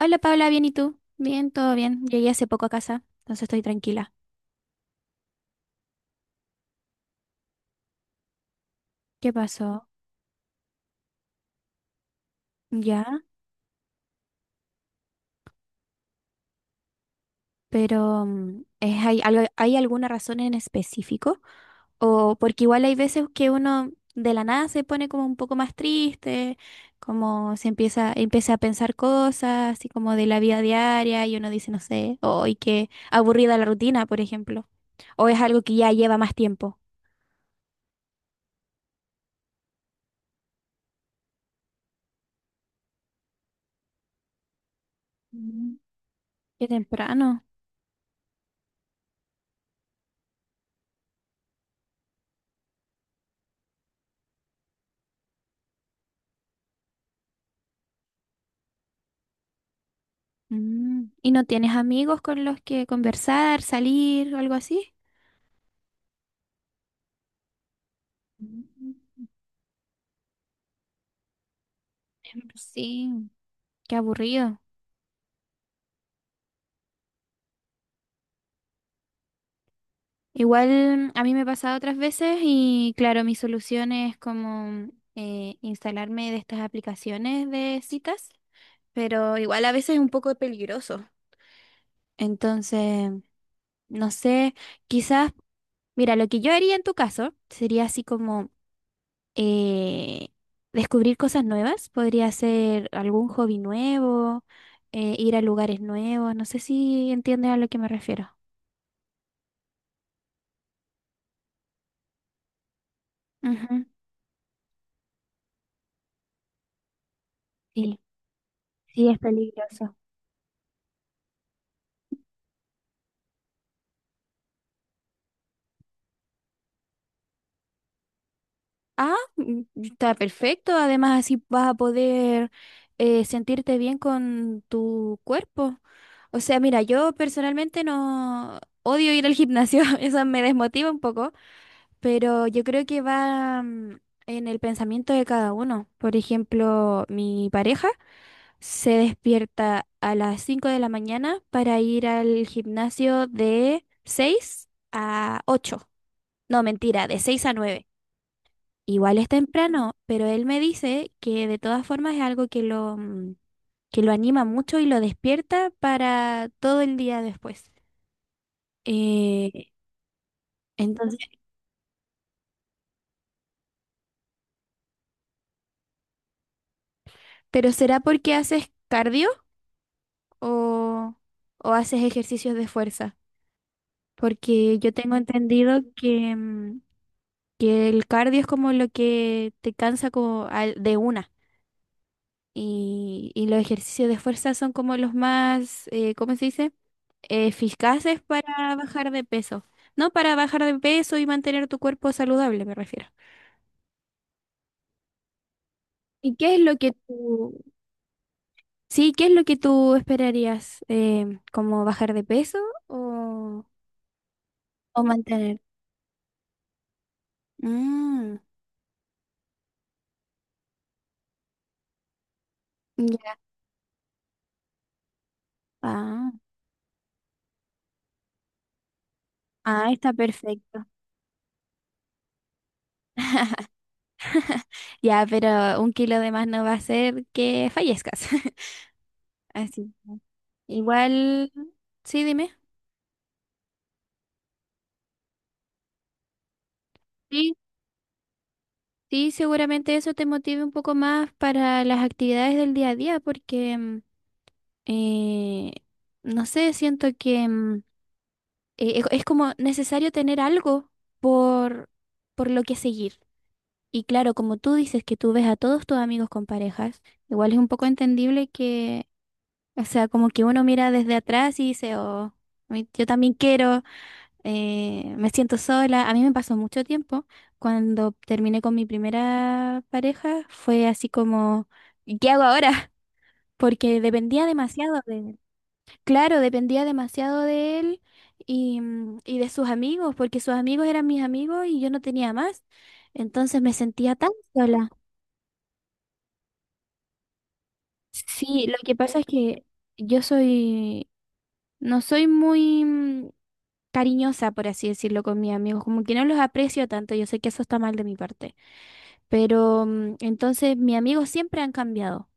Hola Paula, ¿bien y tú? Bien, todo bien. Llegué hace poco a casa, entonces estoy tranquila. ¿Qué pasó? Ya, pero ¿hay alguna razón en específico? O porque igual hay veces que uno de la nada se pone como un poco más triste, como se empieza a pensar cosas, así como de la vida diaria, y uno dice, no sé, hoy qué aburrida la rutina, por ejemplo. O es algo que ya lleva más tiempo. Mm, qué temprano. Mm. ¿Y no tienes amigos con los que conversar, salir o algo así? Mm, sí, qué aburrido. Igual a mí me ha pasado otras veces y claro, mi solución es como instalarme de estas aplicaciones de citas, pero igual a veces es un poco peligroso. Entonces, no sé, quizás, mira, lo que yo haría en tu caso sería así como eh, descubrir cosas nuevas, podría ser algún hobby nuevo, ir a lugares nuevos, no sé si entiendes a lo que me refiero. Ujú. Sí, sí, es peligroso. Ah, está perfecto, además así vas a poder sentirte bien con tu cuerpo. O sea, mira, yo personalmente no odio ir al gimnasio, eso me desmotiva un poco. Pero yo creo que va, en el pensamiento de cada uno. Por ejemplo, mi pareja se despierta a las 5 de la mañana para ir al gimnasio de 6 a ocho. No, mentira, de 6 a nueve. Igual es temprano, pero él me dice que de todas formas es algo que lo anima mucho y lo despierta para todo el día después. Eh, entonces, ¿pero será porque haces cardio? o, o, haces ejercicios de fuerza? Porque yo tengo entendido que el cardio es como lo que te cansa como de una, y los ejercicios de fuerza son como los más, ¿cómo se dice? Eficaces para bajar de peso. No, para bajar de peso y mantener tu cuerpo saludable, me refiero. ¿Y qué es lo que tú, sí, ¿qué es lo que tú esperarías? ¿Como bajar de peso o, o mantener? Mm, ya. Ah, ah, está perfecto. Ya, pero un kilo de más no va a hacer que fallezcas. Así que igual, sí, dime. Sí, sí, seguramente eso te motive un poco más para las actividades del día a día, porque, eh, no sé, siento que, es como necesario tener algo por, por lo que seguir. Y claro, como tú dices que tú ves a todos tus amigos con parejas, igual es un poco entendible. O sea, como que uno mira desde atrás y dice, oh, yo también quiero, me siento sola. A mí me pasó mucho tiempo. Cuando terminé con mi primera pareja, fue así como, "¿Y qué hago ahora?" Porque dependía demasiado de él. Claro, dependía demasiado de él y de sus amigos, porque sus amigos eran mis amigos y yo no tenía más. Entonces me sentía tan sola. Sí, lo que pasa es que yo no soy muy... mm, cariñosa, por así decirlo, con mis amigos, como que no los aprecio tanto, yo sé que eso está mal de mi parte, pero, entonces mis amigos siempre han cambiado.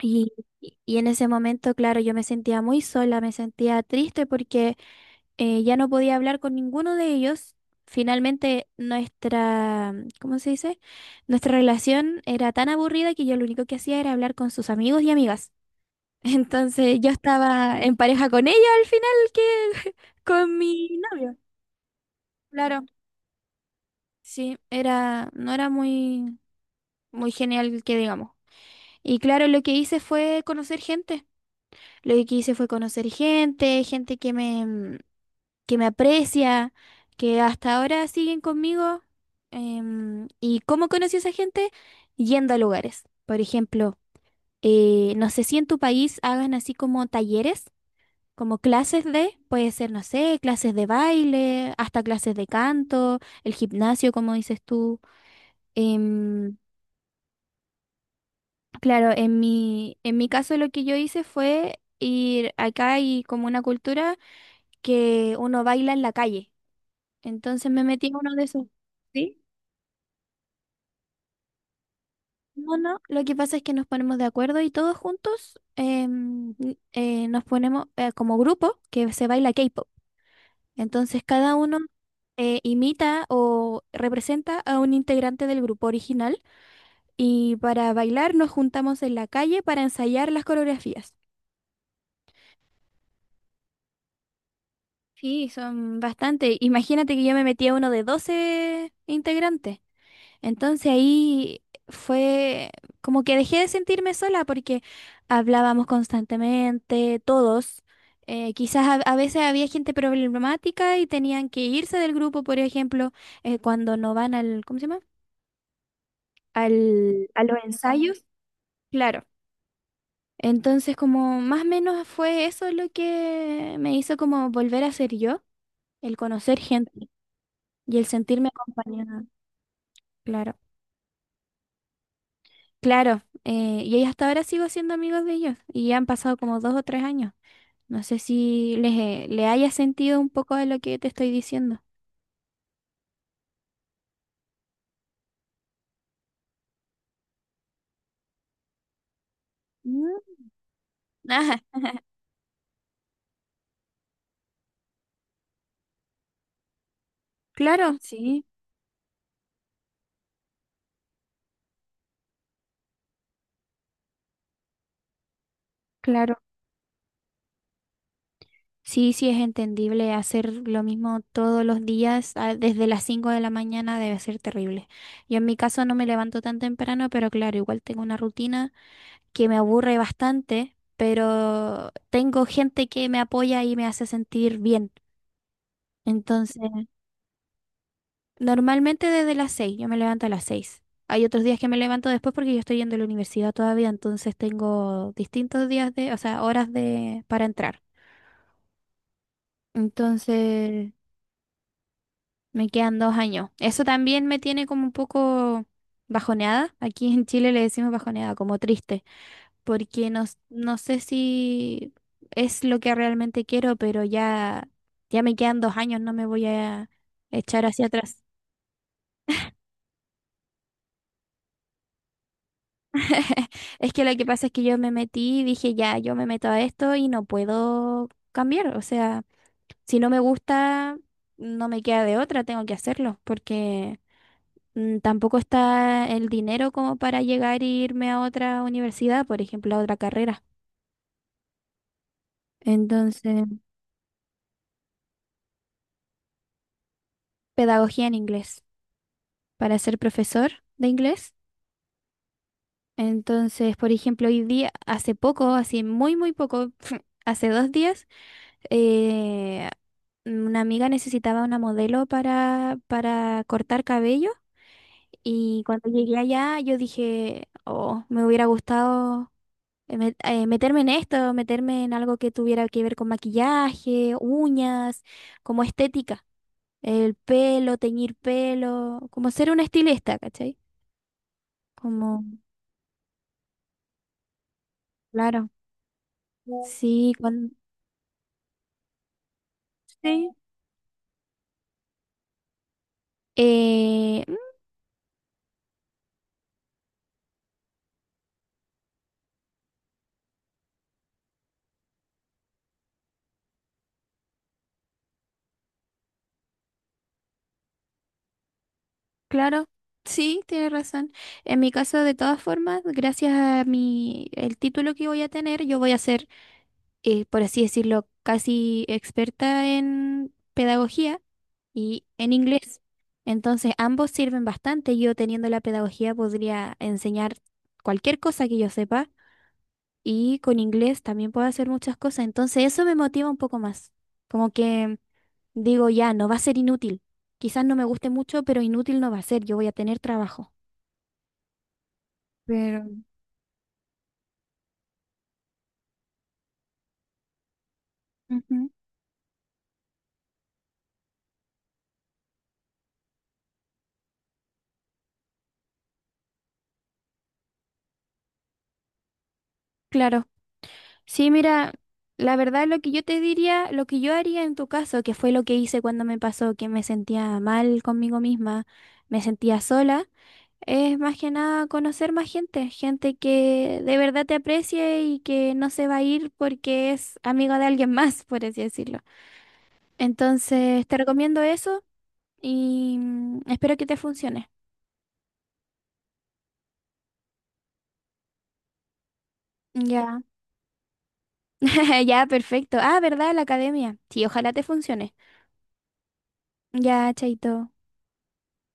Y, y en ese momento, claro, yo me sentía muy sola, me sentía triste porque ya no podía hablar con ninguno de ellos. Finalmente ¿cómo se dice? Nuestra relación era tan aburrida que yo lo único que hacía era hablar con sus amigos y amigas. Entonces yo estaba en pareja con ella al final que con mi novio. Claro. Sí, no era muy, muy genial que digamos. Y claro, lo que hice fue conocer gente. Lo que hice fue conocer gente, gente que me aprecia, que hasta ahora siguen conmigo. ¿Y cómo conocí a esa gente? Yendo a lugares. Por ejemplo, no sé si en tu país hagan así como talleres, como clases de, puede ser, no sé, clases de baile, hasta clases de canto, el gimnasio, como dices tú. Em, Claro, en mi caso lo que yo hice fue ir, acá hay como una cultura que uno baila en la calle. Entonces me metí en uno de esos. ¿Sí? No, no, lo que pasa es que nos ponemos de acuerdo y todos juntos, nos ponemos, como grupo que se baila K-pop. Entonces cada uno imita o representa a un integrante del grupo original y para bailar nos juntamos en la calle para ensayar las coreografías. Sí, son bastante. Imagínate que yo me metí a uno de 12 integrantes. Entonces ahí fue como que dejé de sentirme sola porque hablábamos constantemente, todos. Quizás a veces había gente problemática y tenían que irse del grupo, por ejemplo, cuando no van al, ¿cómo se llama? A los ensayos. Claro. Entonces, como más o menos, fue eso lo que me hizo como volver a ser yo, el conocer gente. Y el sentirme acompañada, claro. Claro, y ahí hasta ahora sigo siendo amigos de ellos y ya han pasado como dos o tres años. No sé si le haya sentido un poco de lo que te estoy diciendo. Mm, ajá. Claro. Sí, claro. Sí, sí es entendible hacer lo mismo todos los días, desde las 5 de la mañana debe ser terrible. Yo en mi caso no me levanto tan temprano, pero claro, igual tengo una rutina que me aburre bastante, pero tengo gente que me apoya y me hace sentir bien. Entonces, normalmente desde las 6, yo me levanto a las 6. Hay otros días que me levanto después porque yo estoy yendo a la universidad todavía, entonces tengo distintos días de, o sea, horas de para entrar. Entonces, me quedan dos años. Eso también me tiene como un poco bajoneada. Aquí en Chile le decimos bajoneada, como triste. Porque no sé si es lo que realmente quiero, pero ya, me quedan dos años, no me voy a echar hacia atrás. Es que lo que pasa es que yo me metí y dije, ya, yo me meto a esto y no puedo cambiar. O sea, si no me gusta, no me queda de otra, tengo que hacerlo, porque, tampoco está el dinero como para llegar e irme a otra universidad, por ejemplo, a otra carrera. Entonces, pedagogía en inglés, para ser profesor de inglés. Entonces, por ejemplo, hoy día, hace poco, así muy, muy poco, hace dos días, eh, una amiga necesitaba una modelo para cortar cabello, y cuando llegué allá yo dije, oh, me hubiera gustado meterme en esto, meterme en algo que tuviera que ver con maquillaje, uñas, como estética, el pelo, teñir pelo, como ser una estilista, ¿cachai? Como, claro, sí. Sí, eh, mm, claro, sí, tienes razón. En mi caso, de todas formas, gracias a mi, el título que voy a tener, yo voy a ser, por así decirlo, casi experta en pedagogía y en inglés. Entonces, ambos sirven bastante. Yo teniendo la pedagogía podría enseñar cualquier cosa que yo sepa, y con inglés también puedo hacer muchas cosas. Entonces, eso me motiva un poco más. Como que Digo, ya, no va a ser inútil. Quizás no me guste mucho, pero inútil no va a ser. Yo voy a tener trabajo. Pero, ujú. Claro. Sí, mira, la verdad lo que yo te diría, lo que yo haría en tu caso, que fue lo que hice cuando me pasó, que me sentía mal conmigo misma, me sentía sola, es más que nada conocer más gente, gente que de verdad te aprecie y que no se va a ir porque es amigo de alguien más, por así decirlo. Entonces, te recomiendo eso y, espero que te funcione. Ya, ya, perfecto. Ah, ¿verdad? La academia. Sí, ojalá te funcione. Ya, chaito.